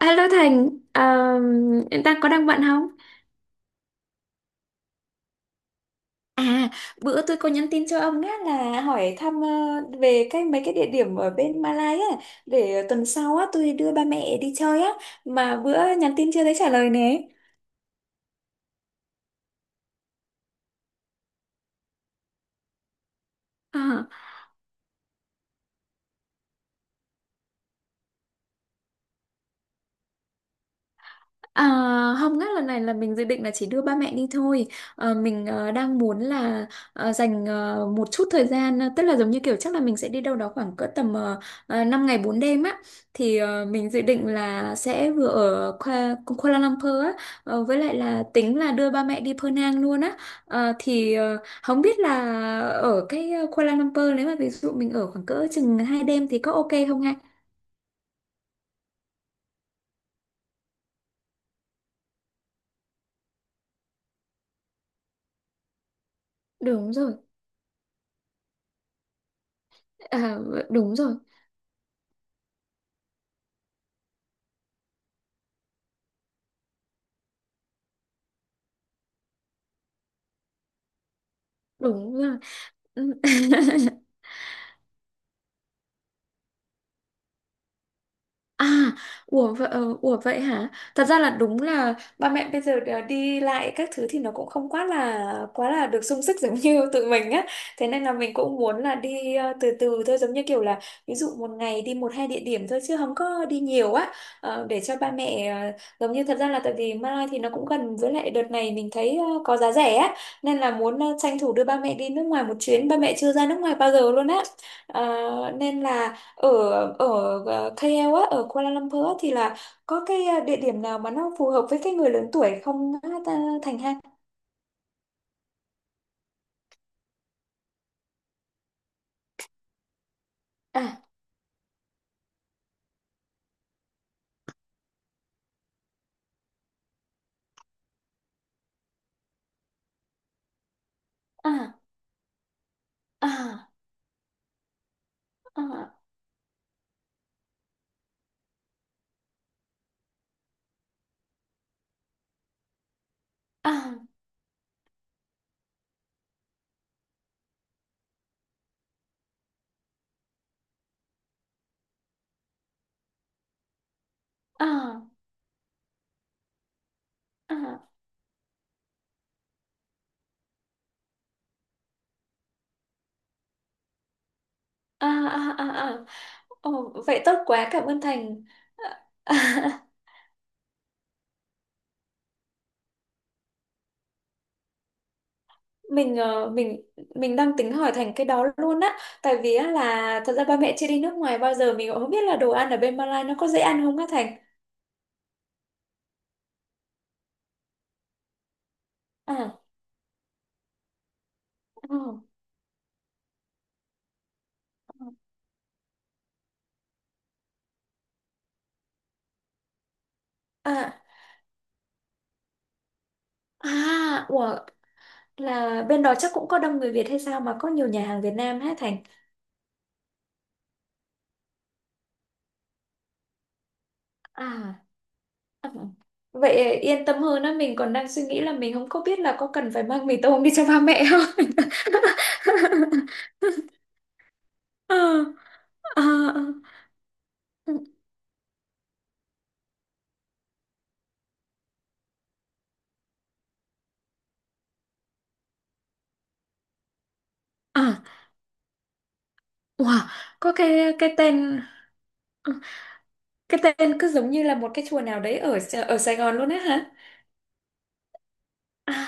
Hello Thành, em đang bận không? À, bữa tôi có nhắn tin cho ông á là hỏi thăm, về mấy cái địa điểm ở bên Malai á, để tuần sau á tôi đưa ba mẹ đi chơi á, mà bữa nhắn tin chưa thấy trả lời nè. À, không ngắt, lần này là mình dự định là chỉ đưa ba mẹ đi thôi. Mình đang muốn là dành một chút thời gian, tức là giống như kiểu chắc là mình sẽ đi đâu đó khoảng cỡ tầm 5 ngày 4 đêm á. Thì mình dự định là sẽ vừa ở Kuala Lumpur á, với lại là tính là đưa ba mẹ đi Penang luôn á. Không biết là ở Kuala Lumpur nếu mà ví dụ mình ở khoảng cỡ chừng 2 đêm thì có ok không ha? Đúng rồi. À, đúng rồi, đúng rồi. Ừ. À, ủa vậy hả? Thật ra là đúng là ba mẹ bây giờ đã đi lại các thứ thì nó cũng không quá là được sung sức giống như tụi mình á. Thế nên là mình cũng muốn là đi từ từ thôi, giống như kiểu là ví dụ một ngày đi một hai địa điểm thôi chứ không có đi nhiều á. Để cho ba mẹ giống như thật ra là tại vì Malai thì nó cũng gần, với lại đợt này mình thấy có giá rẻ á, nên là muốn tranh thủ đưa ba mẹ đi nước ngoài một chuyến. Ba mẹ chưa ra nước ngoài bao giờ luôn á. Nên là ở ở ờ, KL á, ở Kuala Lumpur á, thì là có địa điểm nào mà nó phù hợp với cái người lớn tuổi không á, Thành ha? À, à, à, à, à, à, à, à, à, à, à. Ồ, vậy tốt quá, cảm ơn Thành. À, mình ờ, mình đang tính hỏi Thành cái đó luôn á, tại vì á là thật ra ba mẹ chưa đi nước ngoài bao giờ mình cũng không biết là đồ ăn ở bên Malaysia nó có dễ ăn không á Thành? À, à, à, à, à. Ủa. Là bên đó chắc cũng có đông người Việt hay sao mà có nhiều nhà hàng Việt Nam hả Thành? À, ừ. Vậy yên tâm hơn á, mình còn đang suy nghĩ là mình không có biết là có cần phải mang mì tôm đi cho ba mẹ không. Ờ, ờ, ờ. À, wow, có ờ, cái tên cứ giống như là một cái chùa nào đấy ở ở Sài Gòn luôn á hả? À,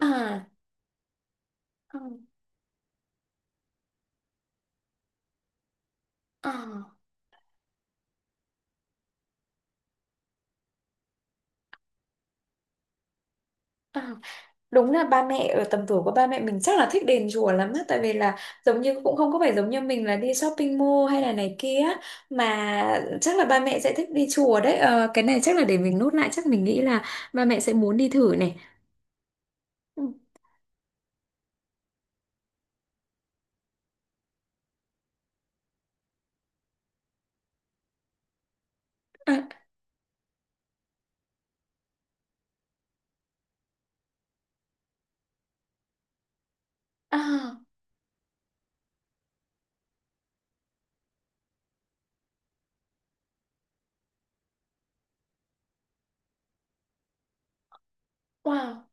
à, à, à, à. Đúng là ba mẹ ở tầm tuổi của ba mẹ mình chắc là thích đền chùa lắm á, tại vì là giống như cũng không có phải giống như mình là đi shopping mall hay là này kia á, mà chắc là ba mẹ sẽ thích đi chùa đấy. Ờ, cái này chắc là để mình nốt lại, chắc mình nghĩ là ba mẹ sẽ muốn đi thử này. Ừ, à, à, wow,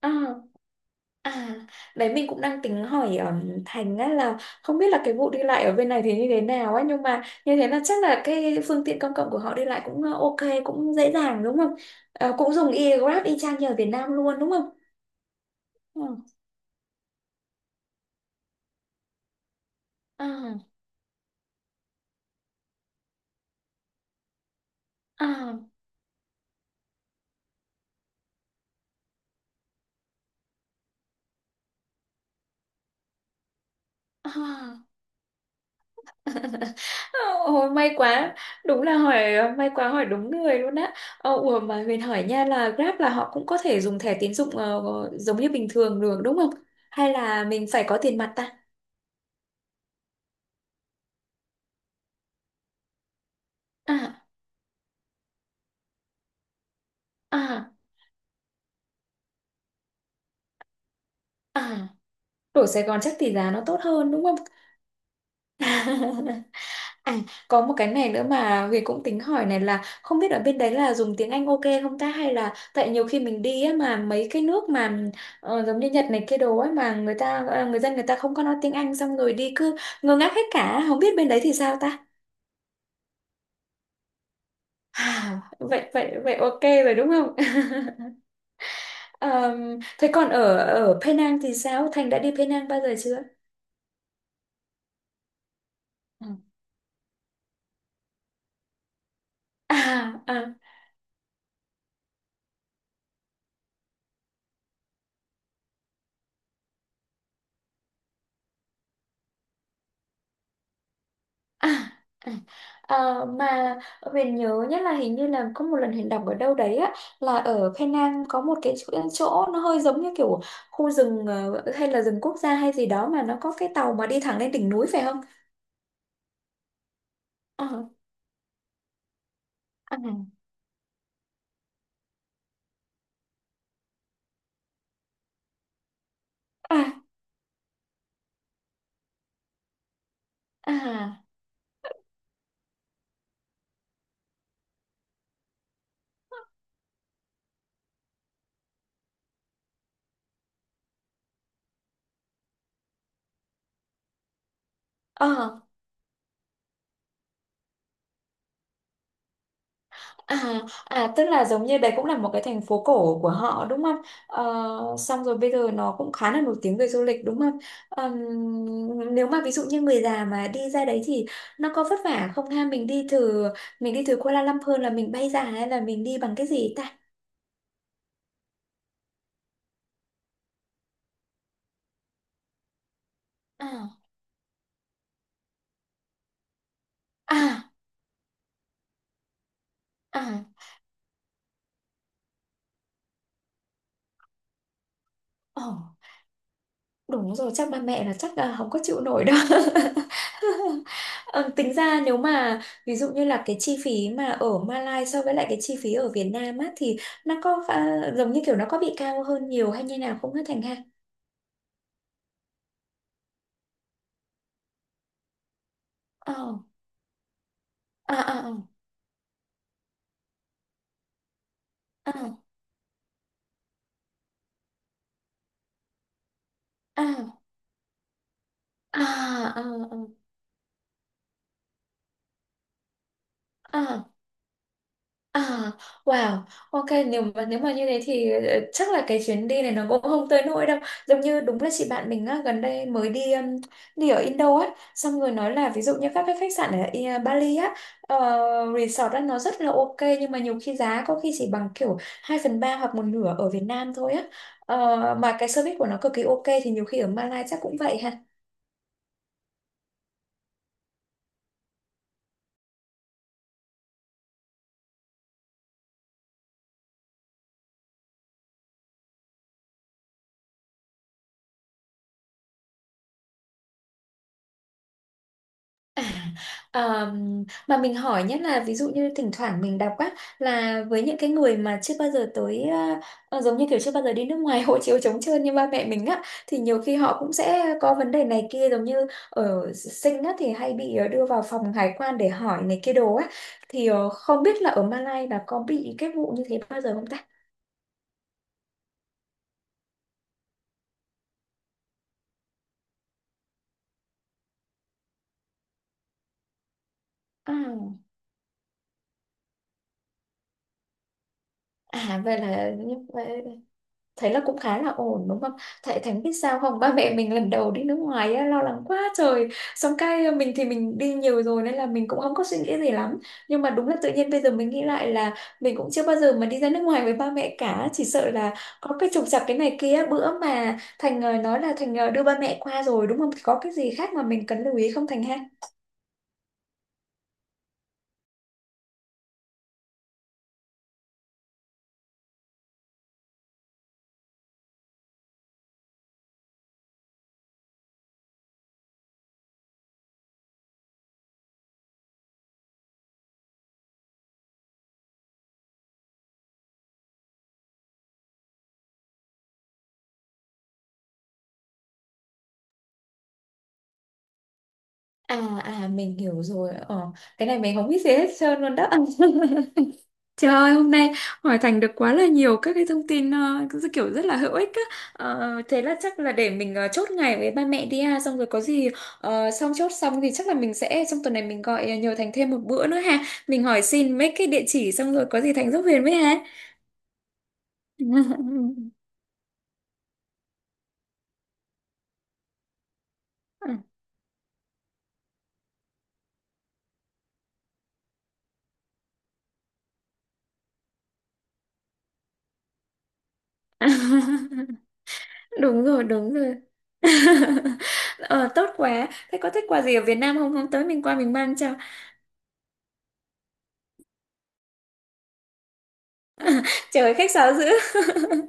à. À, đấy mình cũng đang tính hỏi, Thành á là không biết là cái vụ đi lại ở bên này thì như thế nào ấy, nhưng mà như thế là chắc là cái phương tiện công cộng của họ đi lại cũng ok, cũng dễ dàng đúng không? Ờ, cũng dùng Grab y chang như ở Việt Nam luôn đúng không? Ừ. À, à, à. Ôi may quá, đúng là may quá hỏi đúng người luôn á. Ờ, ủa mà mình hỏi nha là Grab là họ cũng có thể dùng thẻ tín dụng, giống như bình thường được đúng không? Hay là mình phải có tiền mặt ta? À, à. À, đổi Sài Gòn chắc tỷ giá nó tốt hơn đúng không? À, có một cái này nữa mà Huyền cũng tính hỏi này, là không biết ở bên đấy là dùng tiếng Anh ok không ta, hay là tại nhiều khi mình đi á mà mấy cái nước mà giống như Nhật này kia đồ ấy, mà người dân người ta không có nói tiếng Anh, xong rồi đi cứ ngơ ngác hết cả, không biết bên đấy thì sao ta? À, vậy vậy vậy, ok rồi đúng không? Thế còn ở ở Penang thì sao? Thành đã đi Penang bao giờ chưa? Ừ. À, à. À, à, à, mà Huyền nhớ nhất là hình như là có một lần Huyền đọc ở đâu đấy á, là ở Penang có một cái chỗ, nó hơi giống như kiểu khu rừng, hay là rừng quốc gia hay gì đó, mà nó có cái tàu mà đi thẳng lên đỉnh núi phải không? Ờ, à, à, à, à. À, à, tức là giống như đấy cũng là một cái thành phố cổ của họ đúng không? Ờ, xong rồi bây giờ nó cũng khá là nổi tiếng về du lịch đúng không? Nếu mà ví dụ như người già mà đi ra đấy thì nó có vất vả không ha? Mình đi từ Kuala Lumpur là mình bay ra hay là mình đi bằng cái gì ta? À, à, à. Ồ. Đúng rồi, chắc là không có chịu nổi đâu. Ờ, tính ra nếu mà ví dụ như là cái chi phí mà ở Malaysia so với lại cái chi phí ở Việt Nam á, thì nó có giống như kiểu nó có bị cao hơn nhiều hay như nào không hả Thành ha? Ờ, à, à, à, à, à, à, à, à, à, à. Wow, ok, nếu mà như thế thì, chắc là cái chuyến đi này nó cũng không tới nỗi đâu. Giống như đúng là chị bạn mình á, gần đây mới đi đi ở Indo á, xong rồi nói là ví dụ như các cái khách sạn ở Bali á, ờ, resort á nó rất là ok, nhưng mà nhiều khi giá có khi chỉ bằng kiểu 2/3 hoặc một nửa ở Việt Nam thôi á. Ờ, mà cái service của nó cực kỳ ok, thì nhiều khi ở Malaysia chắc cũng vậy. Ờ, mà mình hỏi nhất là ví dụ như thỉnh thoảng mình đọc á là với những cái người mà chưa bao giờ tới, giống như kiểu chưa bao giờ đi nước ngoài hộ chiếu trống trơn như ba mẹ mình á, thì nhiều khi họ cũng sẽ có vấn đề này kia, giống như ở sinh á thì hay bị đưa vào phòng hải quan để hỏi này kia đồ á, thì không biết là ở Malaysia là có bị cái vụ như thế bao giờ không ta? À, à, vậy là như vậy, thấy là cũng khá là ổn đúng không? Tại Thánh biết sao không? Ba mẹ mình lần đầu đi nước ngoài á, lo lắng quá trời. Xong cái mình thì mình đi nhiều rồi nên là mình cũng không có suy nghĩ gì lắm. Nhưng mà đúng là tự nhiên bây giờ mình nghĩ lại là mình cũng chưa bao giờ mà đi ra nước ngoài với ba mẹ cả. Chỉ sợ là có cái trục trặc cái này kia. Bữa mà Thành nói là Thành đưa ba mẹ qua rồi đúng không? Thì có cái gì khác mà mình cần lưu ý không Thành ha? À, à, mình hiểu rồi. Ờ, cái này mình không biết gì hết trơn luôn đó. Trời ơi, hôm nay hỏi Thành được quá là nhiều các cái thông tin, cứ kiểu rất là hữu ích á. Ờ, thế là chắc là để mình chốt ngày với ba mẹ đi ha, xong rồi có gì xong chốt xong thì chắc là mình sẽ trong tuần này mình gọi, nhờ Thành thêm một bữa nữa ha. Mình hỏi xin mấy cái địa chỉ, xong rồi có gì Thành giúp Huyền với ha. Đúng rồi, đúng rồi. Ờ, tốt quá. Thế có thích quà gì ở Việt Nam không? Hôm tới mình qua mình mang cho. Trời ơi, khách sáo dữ.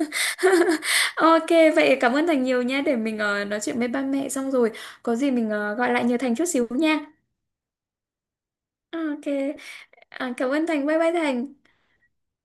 Ok, vậy cảm ơn Thành nhiều nha. Để mình nói chuyện với ba mẹ xong rồi. Có gì mình gọi lại nhờ Thành chút xíu nha. Ok. À, cảm ơn Thành. Bye bye Thành.